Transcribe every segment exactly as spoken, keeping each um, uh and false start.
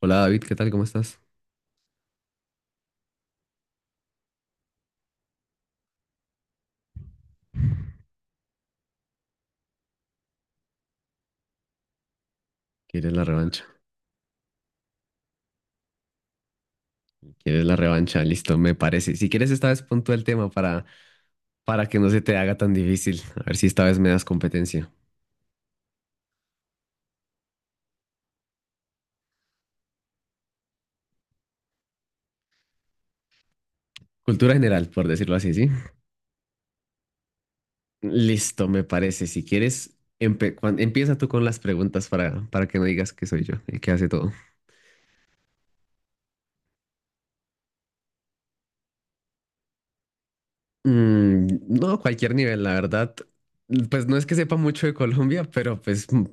Hola David, ¿qué tal? ¿Cómo estás? ¿Quieres la revancha? ¿Quieres la revancha? Listo, me parece. Si quieres, esta vez pon tú el tema para, para que no se te haga tan difícil. A ver si esta vez me das competencia. Cultura general, por decirlo así, ¿sí? Listo, me parece. Si quieres, empe- cuan- empieza tú con las preguntas para, para que no digas que soy yo el que hace todo. Mm, no, cualquier nivel, la verdad. Pues no es que sepa mucho de Colombia, pero pues mm,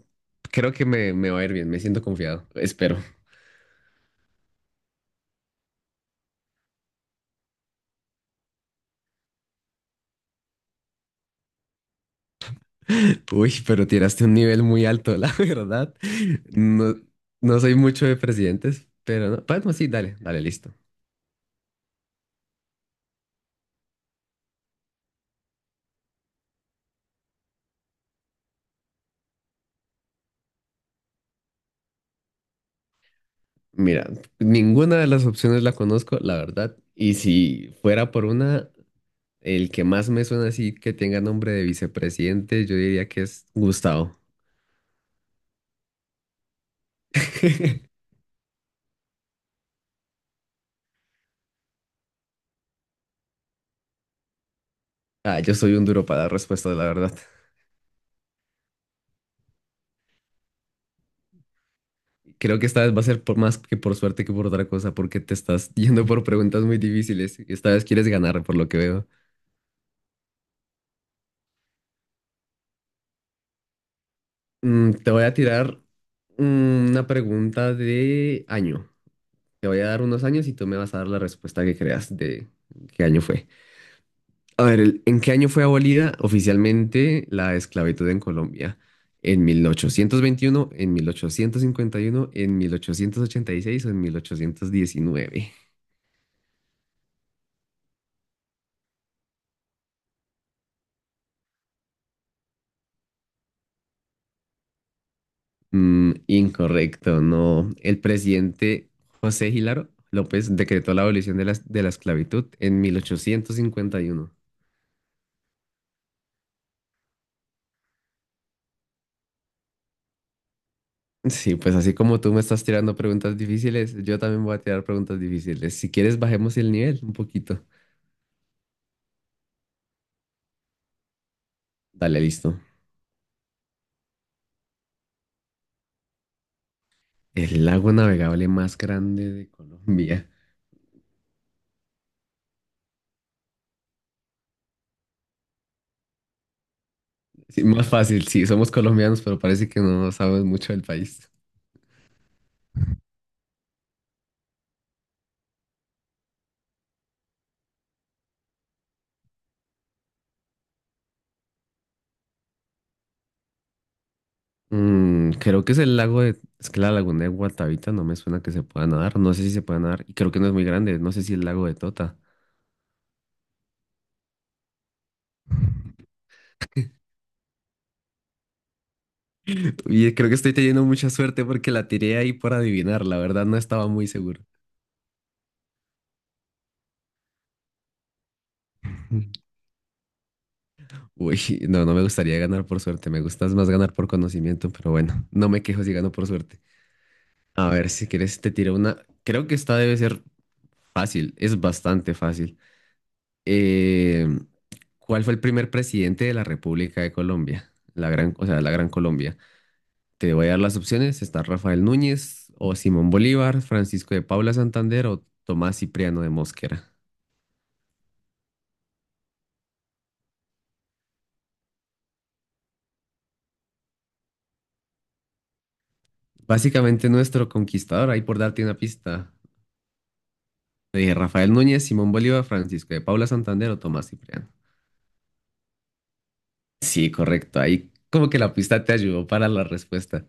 creo que me, me va a ir bien. Me siento confiado. Espero. Uy, pero tiraste un nivel muy alto, la verdad. No, no soy mucho de presidentes, pero no. Bueno, sí, dale, dale, listo. Mira, ninguna de las opciones la conozco, la verdad. Y si fuera por una, el que más me suena así que tenga nombre de vicepresidente, yo diría que es Gustavo. Ah, yo soy un duro para dar respuestas, la verdad. Creo que esta vez va a ser por más que por suerte que por otra cosa, porque te estás yendo por preguntas muy difíciles. Esta vez quieres ganar, por lo que veo. Mm, te voy a tirar una pregunta de año. Te voy a dar unos años y tú me vas a dar la respuesta que creas de qué año fue. A ver, el- ¿en qué año fue abolida oficialmente la esclavitud en Colombia? ¿En mil ochocientos veintiuno, en mil ochocientos cincuenta y uno, en mil ochocientos ochenta y seis o en mil ochocientos diecinueve? Mm, incorrecto, no. El presidente José Hilaro López decretó la abolición de la, de la esclavitud en mil ochocientos cincuenta y uno. Sí, pues así como tú me estás tirando preguntas difíciles, yo también voy a tirar preguntas difíciles. Si quieres, bajemos el nivel un poquito. Dale, listo. El lago navegable más grande de Colombia. Sí, más fácil, sí, somos colombianos, pero parece que no sabemos mucho del país. Mm, creo que es el lago de... Es que la laguna de Guatavita no me suena que se pueda nadar. No sé si se puede nadar. Y creo que no es muy grande. No sé si el lago de Tota. Y creo que estoy teniendo mucha suerte porque la tiré ahí por adivinar. La verdad no estaba muy seguro. Uy, no, no me gustaría ganar por suerte, me gustas más ganar por conocimiento, pero bueno, no me quejo si gano por suerte. A ver, si quieres te tiro una, creo que esta debe ser fácil, es bastante fácil. Eh, ¿cuál fue el primer presidente de la República de Colombia? La gran, o sea, la Gran Colombia. Te voy a dar las opciones, está Rafael Núñez o Simón Bolívar, Francisco de Paula Santander o Tomás Cipriano de Mosquera. Básicamente nuestro conquistador, ahí por darte una pista. Te dije Rafael Núñez, Simón Bolívar, Francisco de Paula Santander o Tomás Cipriano. Sí, correcto. Ahí como que la pista te ayudó para la respuesta.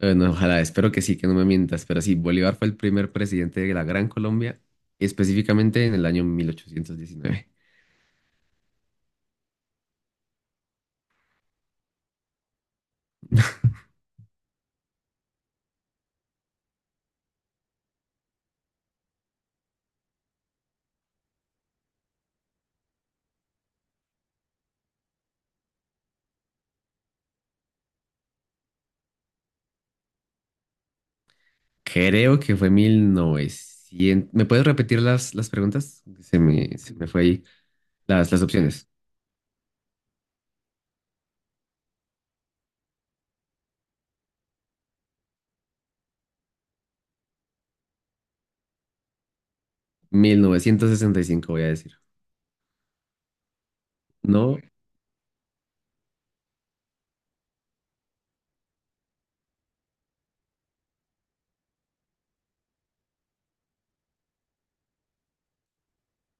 Bueno, ojalá, espero que sí, que no me mientas. Pero sí, Bolívar fue el primer presidente de la Gran Colombia, específicamente en el año mil ochocientos diecinueve. Creo que fue mil novecientos. ¿Me puedes repetir las, las preguntas? Se me, se me fue ahí las, las opciones. mil novecientos sesenta y cinco voy a decir. No,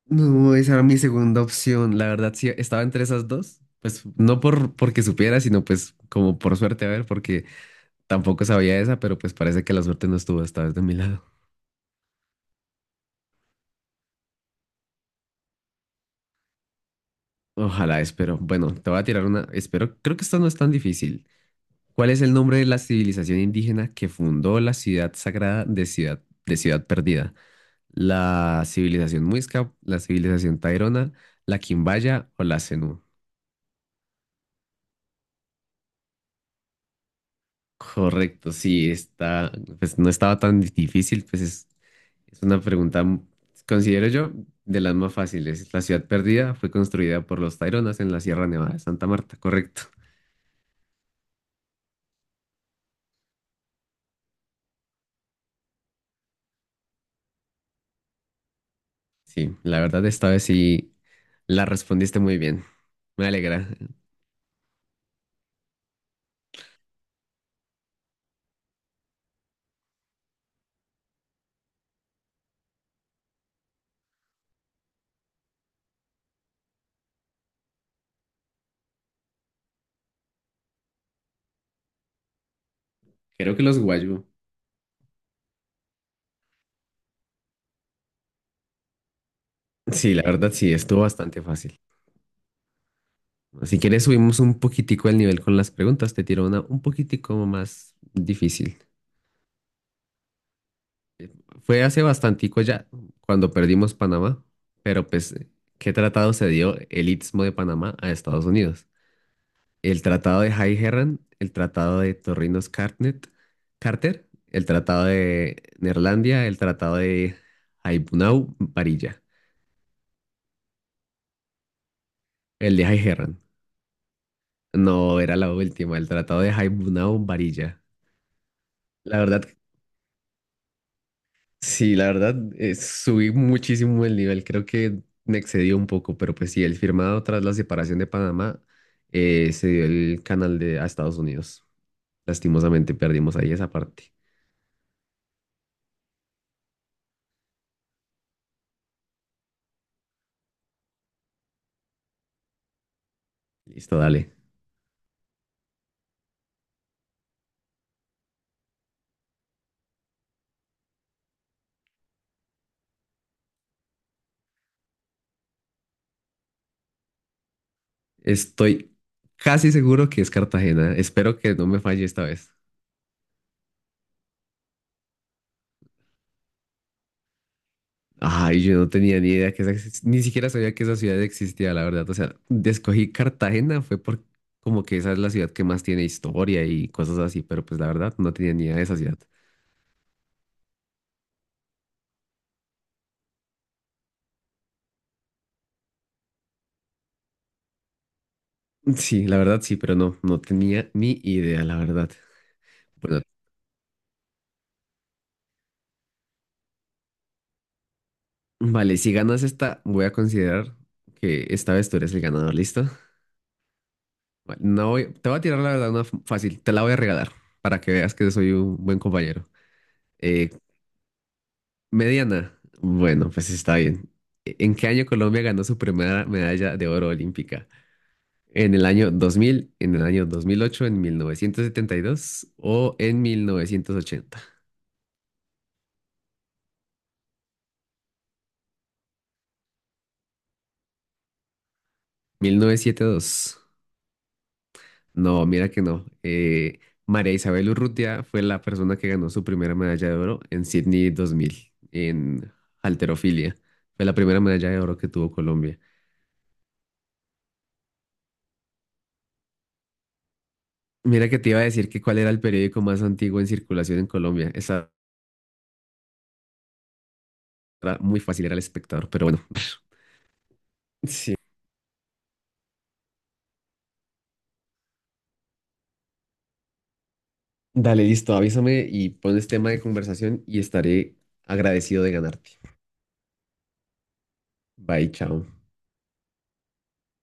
No, esa era mi segunda opción. La verdad, sí, estaba entre esas dos. Pues no por porque supiera, sino pues como por suerte, a ver, porque tampoco sabía esa, pero pues parece que la suerte no estuvo esta vez de mi lado. Ojalá, espero. Bueno, te voy a tirar una. Espero, creo que esta no es tan difícil. ¿Cuál es el nombre de la civilización indígena que fundó la ciudad sagrada de Ciudad, de Ciudad Perdida? ¿La civilización Muisca, la civilización Tairona, la Quimbaya o la Zenú? Correcto, sí, está, pues no estaba tan difícil, pues es, es una pregunta, mm, considero yo, de las más fáciles. La ciudad perdida fue construida por los Taironas en la Sierra Nevada de Santa Marta, correcto. Sí, la verdad esta vez sí la respondiste muy bien. Me alegra. Creo que los guayú. Sí, la verdad sí, estuvo bastante fácil. Si quieres subimos un poquitico el nivel con las preguntas, te tiro una un poquitico más difícil. Fue hace bastantico ya, cuando perdimos Panamá, pero pues, ¿qué tratado se dio el Istmo de Panamá a Estados Unidos? El tratado de High Herran, el tratado de Torrinos Carnet- Carter, el tratado de Neerlandia, el tratado de Haibunau Varilla, el de High Herran. No, era la última, el tratado de Haibunau Varilla. La verdad. Sí, la verdad, eh, subí muchísimo el nivel, creo que me excedió un poco, pero pues sí, el firmado tras la separación de Panamá eh, se dio el canal de, a Estados Unidos. Lastimosamente perdimos ahí esa parte. Listo, dale. Estoy casi seguro que es Cartagena, espero que no me falle esta vez. Ay, yo no tenía ni idea que esa, exis- ni siquiera sabía que esa ciudad existía, la verdad. O sea, escogí Cartagena fue por como que esa es la ciudad que más tiene historia y cosas así, pero pues la verdad no tenía ni idea de esa ciudad. Sí, la verdad sí, pero no, no tenía ni idea, la verdad. Bueno, vale, si ganas esta, voy a considerar que esta vez tú eres el ganador, ¿listo? Vale, No voy, te voy a tirar la verdad una f- fácil, te la voy a regalar para que veas que soy un buen compañero. Eh, Mediana, bueno, pues está bien. E, ¿En qué año Colombia ganó su primera medalla de oro olímpica? ¿En el año dos mil, en el año dos mil ocho, en mil novecientos setenta y dos o en mil novecientos ochenta? mil novecientos setenta y dos. No, mira que no. Eh, María Isabel Urrutia fue la persona que ganó su primera medalla de oro en Sydney dos mil en halterofilia. Fue la primera medalla de oro que tuvo Colombia. Mira que te iba a decir que cuál era el periódico más antiguo en circulación en Colombia. Esa era muy fácil, era El Espectador, pero bueno. Sí. Dale, listo, avísame y pones tema de conversación y estaré agradecido de ganarte. Bye, chao.